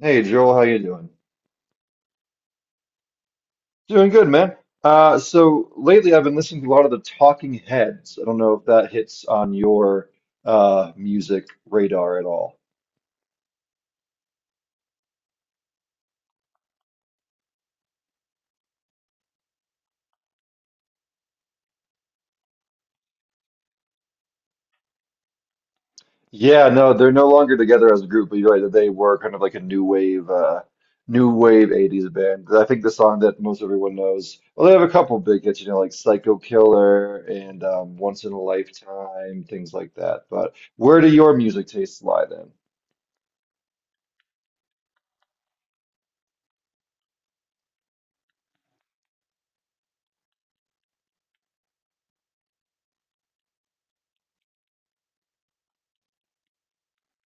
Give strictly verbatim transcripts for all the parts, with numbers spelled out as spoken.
Hey Joel, how you doing? Doing good, man. Uh, so lately I've been listening to a lot of the Talking Heads. I don't know if that hits on your uh, music radar at all. Yeah, no, they're no longer together as a group, but you're right that they were kind of like a new wave, uh, new wave eighties band. I think the song that most everyone knows, well, they have a couple big hits, you know, like Psycho Killer and um, Once in a Lifetime, things like that. But where do your music tastes lie then?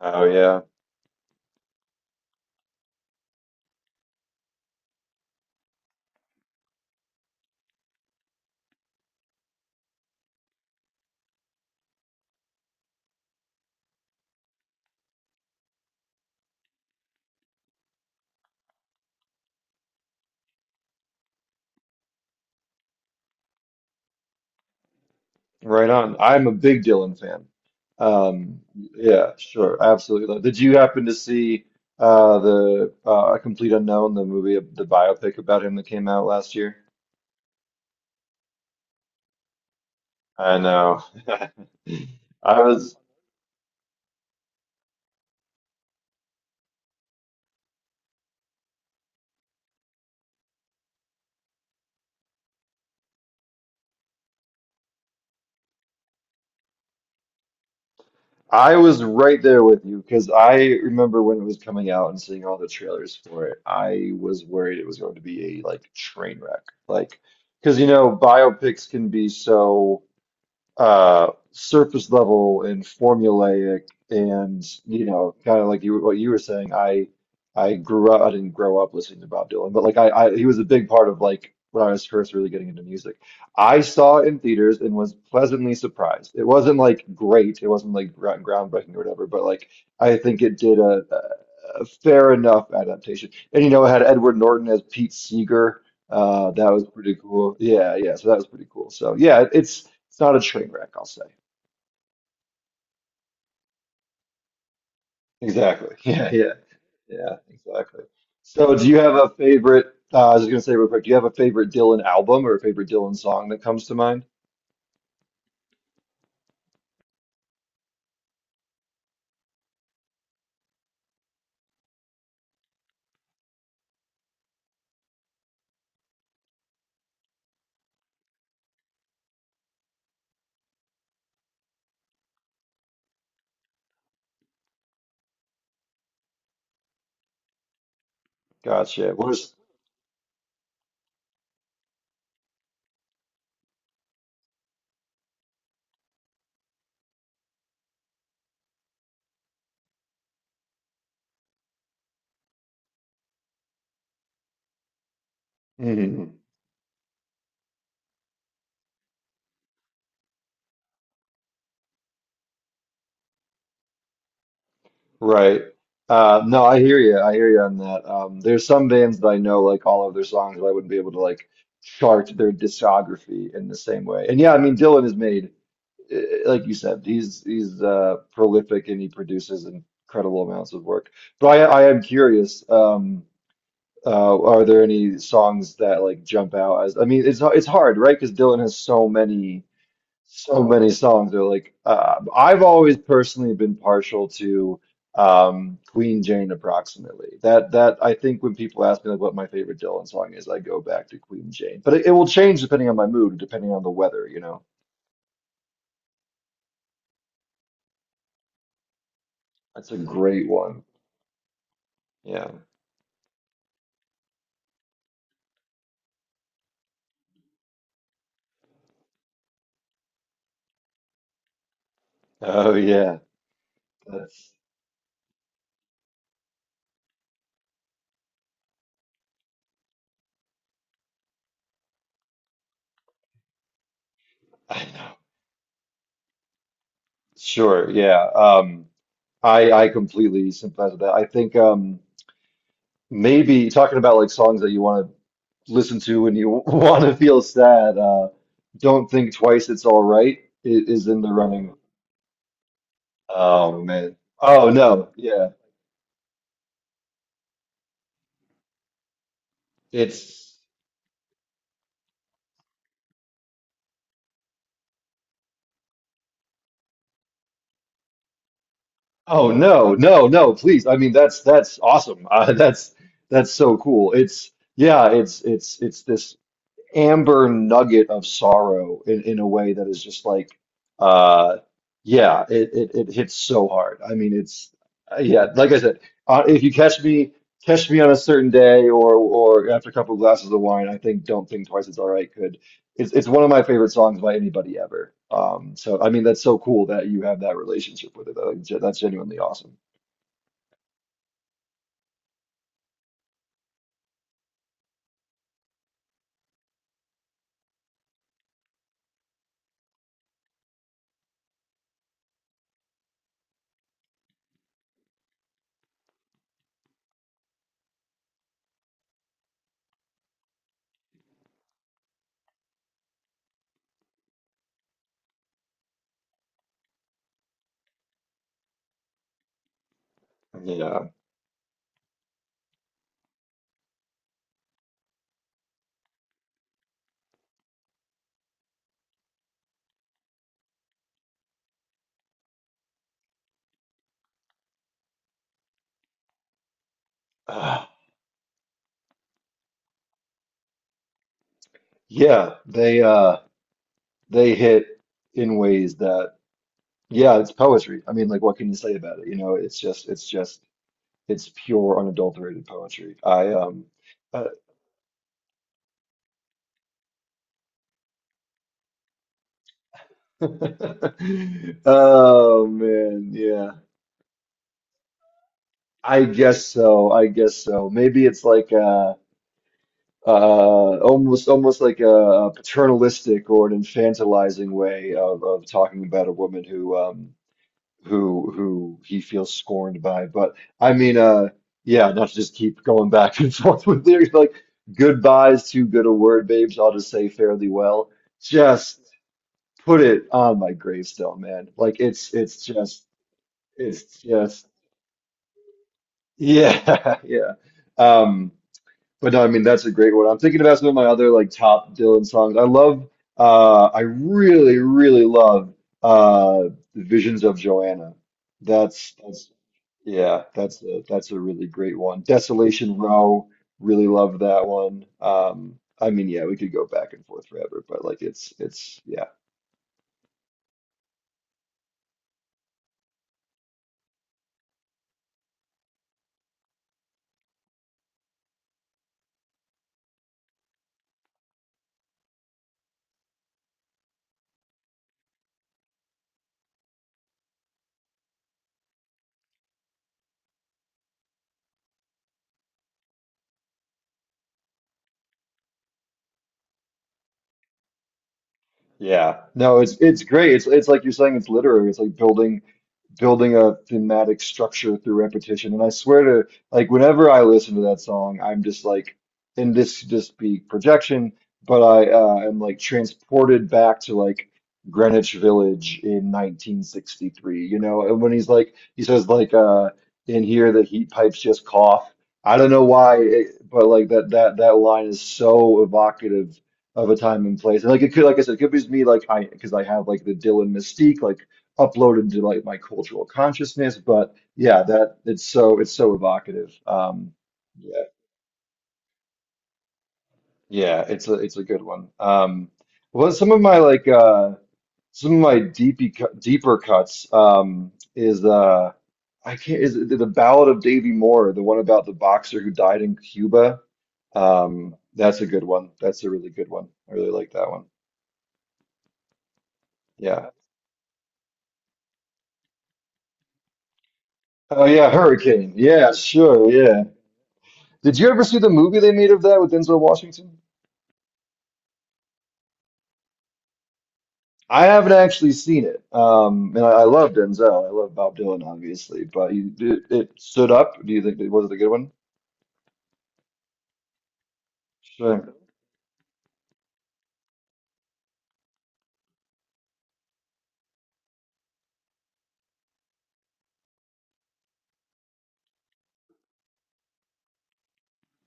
Oh yeah. Right on. I'm a big Dylan fan. Um, yeah, sure, absolutely. Did you happen to see uh, the uh, A Complete Unknown, the movie, the biopic about him that came out last year? I know. I was I was right there with you because I remember when it was coming out and seeing all the trailers for it. I was worried it was going to be a like train wreck, like because you know biopics can be so uh surface level and formulaic, and you know kind of like you what you were saying. I I grew up, I didn't grow up listening to Bob Dylan, but like I, I he was a big part of like when I was first really getting into music. I saw it in theaters and was pleasantly surprised. It wasn't like great, it wasn't like gro- groundbreaking or whatever, but like I think it did a, a a fair enough adaptation, and you know it had Edward Norton as Pete Seeger. Uh, that was pretty cool. Yeah, yeah. So that was pretty cool. So yeah, it- it's it's not a train wreck, I'll say. Exactly. Yeah, yeah, yeah. Exactly. So do you have a favorite? Uh, I was gonna say real quick. Do you have a favorite Dylan album or a favorite Dylan song that comes to mind? Gotcha. What is? Mhm. Right. Uh, no, I hear you. I hear you on that. Um, there's some bands that I know like all of their songs, but I wouldn't be able to like chart their discography in the same way. And yeah, I mean Dylan has made eh, like you said, he's he's uh, prolific and he produces incredible amounts of work. But I I am curious. Um, uh, are there any songs that like jump out as? I mean, it's it's hard, right? Because Dylan has so many so many songs. They're like uh, I've always personally been partial to um, Queen Jane approximately. That that I think when people ask me like what my favorite Dylan song is, I go back to Queen Jane. But it, it will change depending on my mood, depending on the weather, you know. That's a great one. Yeah. Oh yeah, that's I know. Sure, yeah. Um, I I completely sympathize with that. I think um maybe talking about like songs that you want to listen to when you want to feel sad. Uh, Don't Think Twice, It's All Right i- is in the running. Oh man. Oh no, yeah. It's oh no, no, no. Please, I mean that's that's awesome. Uh, that's that's so cool. It's yeah, it's it's it's this amber nugget of sorrow in, in a way that is just like uh yeah it, it it hits so hard. I mean it's uh, yeah, like I said, uh, if you catch me, catch me on a certain day or or after a couple of glasses of wine, I think Don't Think Twice It's All Right could it's it's one of my favorite songs by anybody ever. Um, so I mean that's so cool that you have that relationship with it. I think ge- that's genuinely awesome. Yeah. Ah, yeah they uh they hit in ways that. Yeah, it's poetry. I mean, like, what can you say about it? You know, it's just, it's just, it's pure, unadulterated poetry. I, um, uh, oh man, yeah. I guess so. I guess so. Maybe it's like uh uh, almost, almost like a, a paternalistic or an infantilizing way of, of talking about a woman who, um, who who he feels scorned by. But I mean, uh, yeah, not to just keep going back and forth with lyrics like goodbye's too good a word, babes. I'll just say fairly well. Just put it on my gravestone, man. Like it's it's just it's just yeah, yeah. Um, but no, I mean that's a great one. I'm thinking about some of my other like top Dylan songs. I love uh I really, really love uh Visions of Joanna. That's that's yeah, that's a that's a really great one. Desolation Row, really love that one. Um, I mean, yeah, we could go back and forth forever, but like it's it's yeah. Yeah. No, it's it's great. It's it's like you're saying it's literary. It's like building building a thematic structure through repetition. And I swear to, like, whenever I listen to that song, I'm just like, and this could just be projection, but I uh, am like transported back to like Greenwich Village in nineteen sixty-three, you know? And when he's like, he says, like, uh, in here, the heat pipes just cough. I don't know why, it, but like that that that line is so evocative of a time and place. And like it could, like I said, it could be just me, like I, because I have like the Dylan mystique, like uploaded to like my cultural consciousness. But yeah, that it's so it's so evocative. Um, yeah, yeah, it's a it's a good one. Um, well, some of my like uh, some of my deepy cut- deeper cuts um, is uh, I can't, is it the Ballad of Davy Moore, the one about the boxer who died in Cuba. Um, that's a good one. That's a really good one. I really like that one. Yeah. Oh yeah, Hurricane. Yeah, sure. Yeah. Did you ever see the movie they made of that with Denzel Washington? I haven't actually seen it. Um, and I, I love Denzel. I love Bob Dylan, obviously, but you, it, it stood up. Do you think it was it a good one? Sure.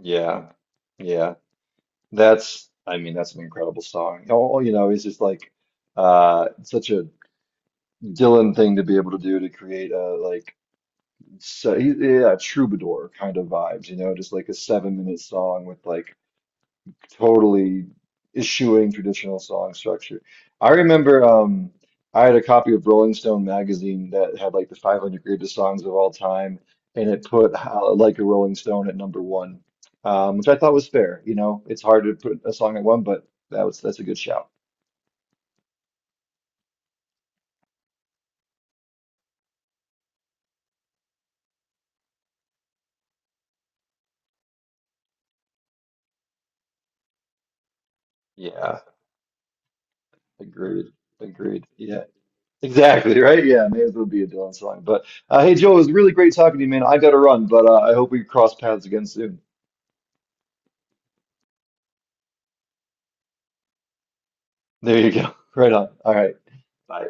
Yeah. Yeah. That's, I mean, that's an incredible song. All, you know, it's just like uh, such a Dylan thing to be able to do to create a like, so, yeah, troubadour kind of vibes, you know, just like a seven minute song with like, totally eschewing traditional song structure. I remember um, I had a copy of Rolling Stone magazine that had like the five hundred greatest songs of all time, and it put uh, Like a Rolling Stone at number one, um, which I thought was fair. You know, it's hard to put a song at one, but that was that's a good shout. Yeah, agreed, agreed. Yeah, exactly, right? Yeah, may as well be a Dylan song. But uh, hey, Joe, it was really great talking to you, man. I gotta run, but uh, I hope we cross paths again soon. There you go. Right on. All right. Bye.